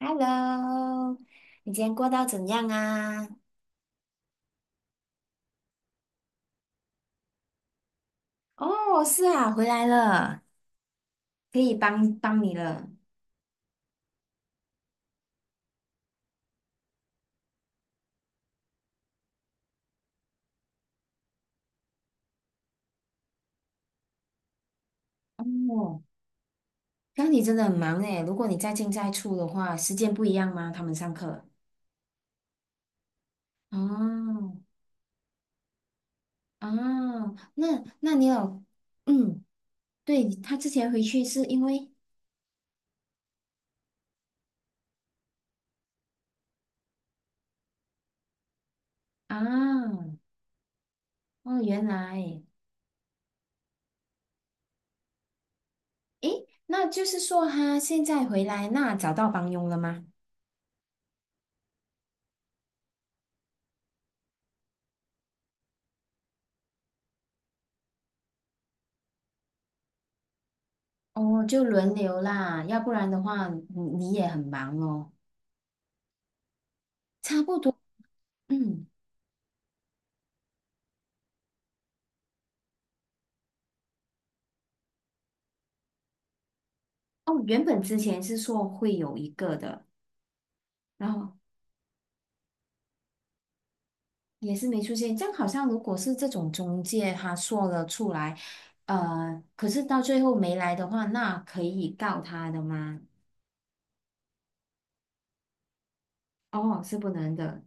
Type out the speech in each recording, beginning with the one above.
Hello，你今天过到怎样啊？哦，是啊，回来了，可以帮帮你了。哦，那你真的很忙诶，如果你在进在出的话，时间不一样吗？他们上课。哦，哦，那你有，嗯，对，他之前回去是因为啊，哦，原来，诶，那就是说他现在回来，那找到帮佣了吗？哦，就轮流啦，要不然的话，你也很忙哦。差不多，嗯，哦，原本之前是说会有一个的，然后也是没出现。这样好像如果是这种中介他说了出来，可是到最后没来的话，那可以告他的吗？哦，是不能的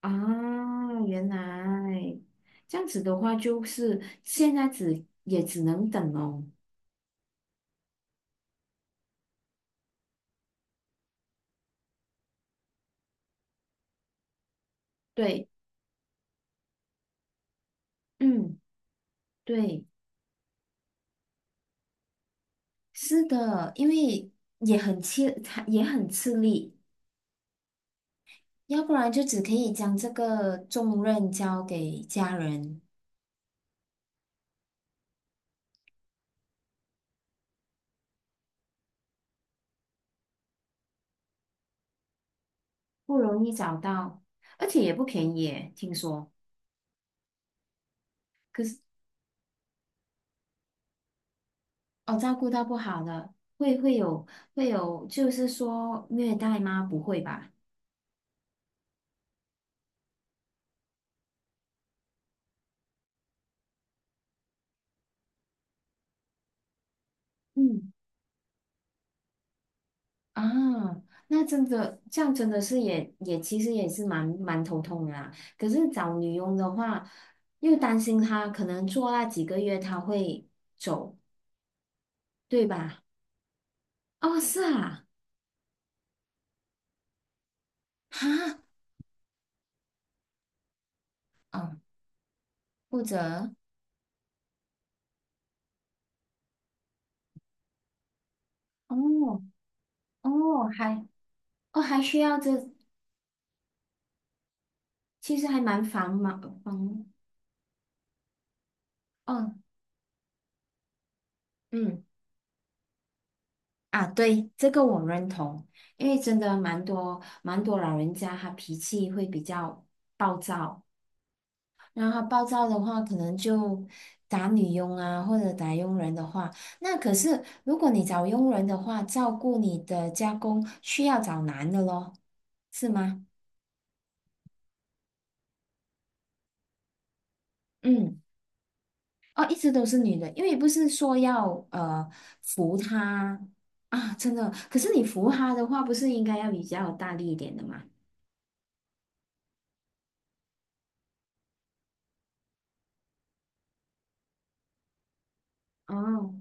啊，原来这样子的话，就是现在只也只能等哦。对，嗯，对，是的，因为也很吃，也很吃力。要不然就只可以将这个重任交给家人，不容易找到，而且也不便宜耶，听说。哦，照顾到不好的，会有会有，就是说虐待吗？不会吧？嗯，啊，那真的这样真的是也其实也是蛮头痛的啦。可是找女佣的话，又担心她可能做那几个月她会走，对吧？哦，是啊，哈，哦，或者。哦，哦，还哦还需要这，其实还蛮繁忙哦，嗯啊，对，这个我认同，因为真的蛮多蛮多老人家他脾气会比较暴躁，然后他暴躁的话可能就打女佣啊或者打佣人的话，那可是如果你找佣人的话，照顾你的家公需要找男的咯，是吗？嗯。哦，一直都是女的，因为不是说要扶她啊，真的。可是你扶她的话，不是应该要比较大力一点的吗？哦，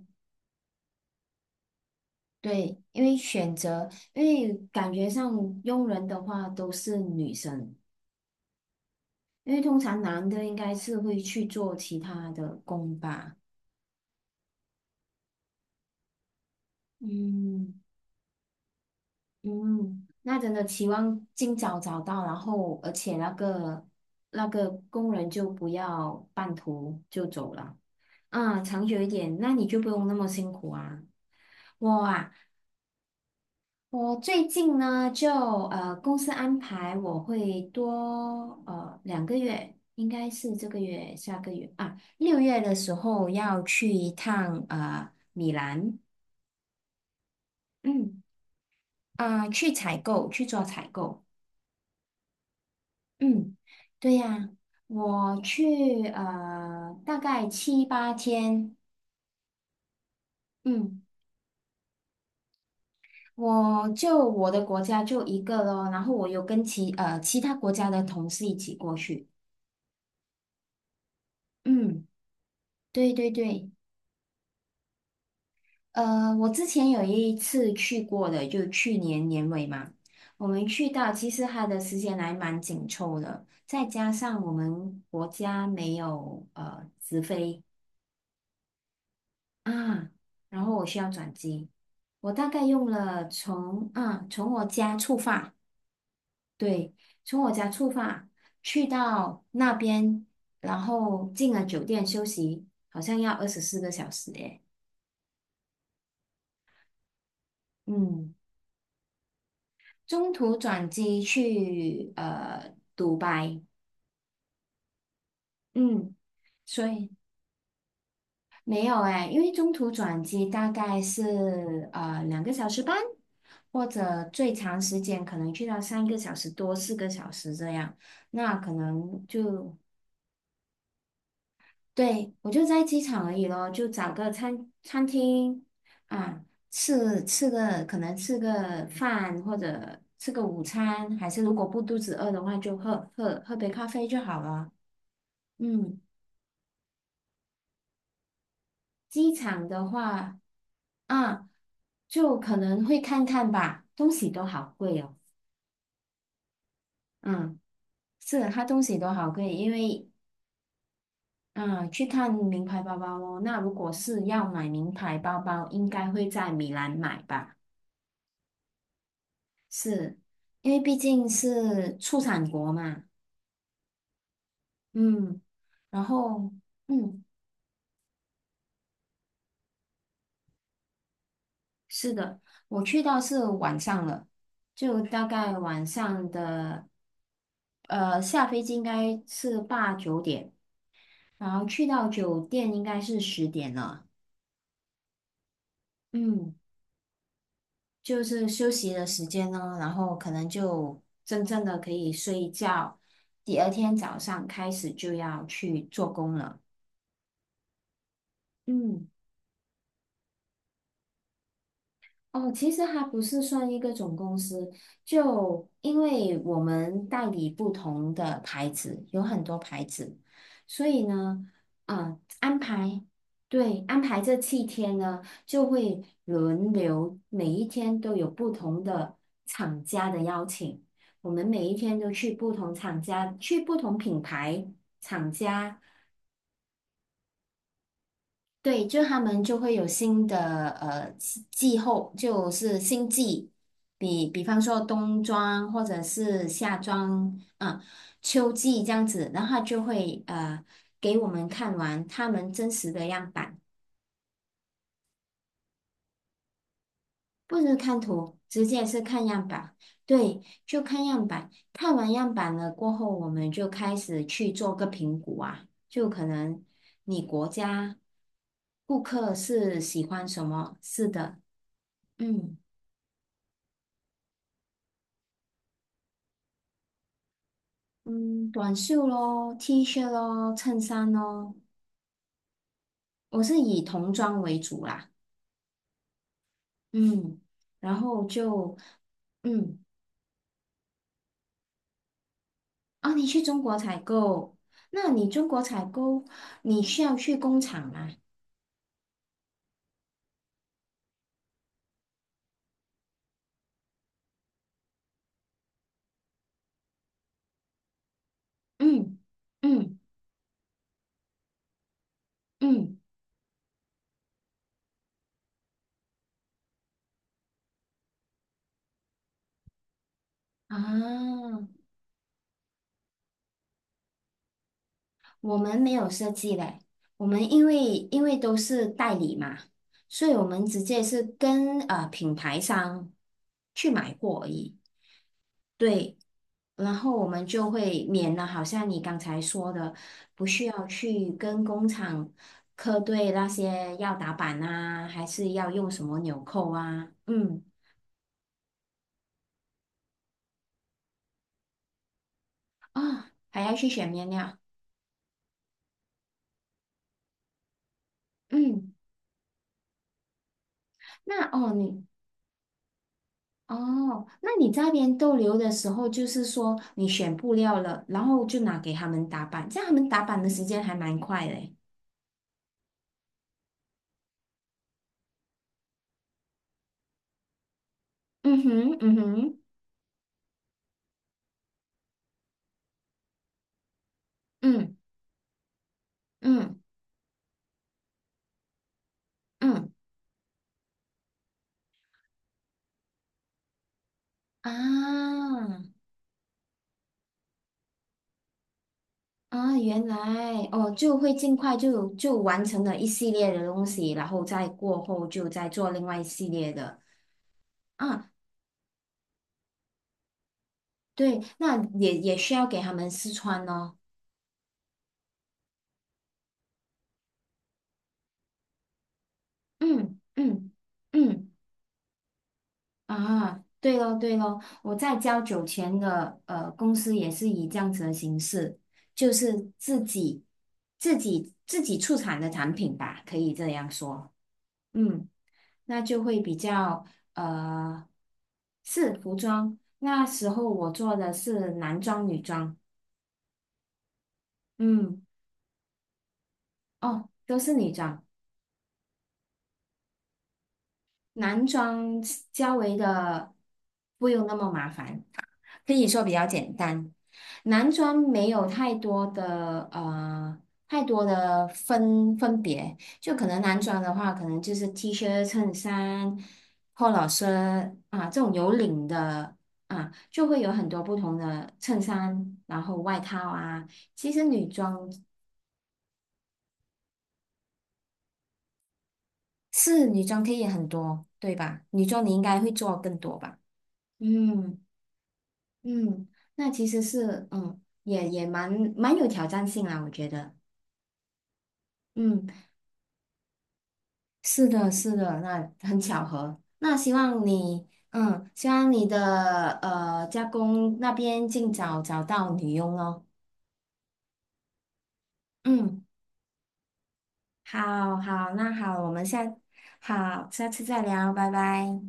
对，因为选择，因为感觉上佣人的话都是女生，因为通常男的应该是会去做其他的工吧。嗯。嗯，那真的期望尽早找到，然后而且那个那个工人就不要半途就走了，啊，长久一点，那你就不用那么辛苦啊。我啊，我最近呢就公司安排我会多2个月，应该是这个月下个月啊6月的时候要去一趟米兰，嗯啊、去采购去做采购。嗯，对呀，我去大概7、8天，嗯，我的国家就一个咯，然后我有跟其他国家的同事一起过去，嗯，对对对，呃，我之前有一次去过的，就去年年尾嘛，我们去到其实它的时间还蛮紧凑的，再加上我们国家没有直飞。啊，然后我需要转机，我大概用了从啊我家出发，对，从我家出发去到那边，然后进了酒店休息，好像要24个小时诶，嗯，中途转机去独白，嗯，所以没有哎，因为中途转机大概是2个小时半，或者最长时间可能去到3个小时多、四个小时这样。那可能就对我就在机场而已咯，就找个餐厅啊，吃吃个可能吃个饭或者吃个午餐，还是如果不肚子饿的话，就喝杯咖啡就好了。嗯。机场的话，啊，就可能会看看吧，东西都好贵哦。嗯，是啊，它东西都好贵，因为嗯，去看名牌包包哦。那如果是要买名牌包包，应该会在米兰买吧，因为毕竟是出产国嘛。嗯，然后嗯，是的，我去到是晚上了，就大概晚上的，下飞机应该是8、9点。然后去到酒店应该是10点了，嗯，就是休息的时间呢，然后可能就真正的可以睡一觉，第二天早上开始就要去做工了，嗯。哦，其实它不是算一个总公司，就因为我们代理不同的牌子，有很多牌子，所以呢，啊、安排，对，安排这7天呢，就会轮流，每一天都有不同的厂家的邀请，我们每一天都去不同厂家，去不同品牌厂家对，就他们就会有新的气候，就是新季，比方说冬装或者是夏装，啊、秋季这样子，然后他就会给我们看完他们真实的样板，不是看图，直接是看样板。对，就看样板，看完样板了过后，我们就开始去做个评估啊，就可能你国家顾客是喜欢什么，是的，嗯。嗯，短袖咯，T 恤咯，衬衫咯，我是以童装为主啦。嗯，然后就嗯，哦，你去中国采购，那你中国采购，你需要去工厂吗？嗯嗯嗯，啊，我们没有设计嘞，我们因为因为都是代理嘛，所以我们直接是跟品牌商去买货而已。对，然后我们就会免了，好像你刚才说的，不需要去跟工厂核对那些要打板啊，还是要用什么纽扣啊，嗯，哦，还要去选面料，嗯，那哦你哦，那你在那边逗留的时候，就是说你选布料了，然后就拿给他们打板，这样他们打板的时间还蛮快的欸嗯哼，嗯哼，嗯嗯嗯啊。啊，原来哦，就会尽快就完成了一系列的东西，然后再过后就再做另外一系列的啊，对，那也也需要给他们试穿咯。嗯嗯嗯啊，对咯对咯，我在交酒钱的公司也是以这样子的形式，就是自己出产的产品吧，可以这样说。嗯。那就会比较呃，是服装。那时候我做的是男装、女装，嗯，哦，都是女装，男装较为的不用那么麻烦。可以说比较简单。男装没有太多的太多的分别，就可能男装的话，可能就是 T 恤、衬衫、p o l 啊这种有领的啊，就会有很多不同的衬衫，然后外套啊。其实女装是女装可以很多，对吧？女装你应该会做更多吧？嗯嗯，那其实是嗯也也蛮蛮有挑战性啦，我觉得。嗯。是的，是的，那很巧合。那希望你，嗯，希望你的家公那边尽早找到女佣哦。嗯，好好，那好，我们下，好，下次再聊，拜拜。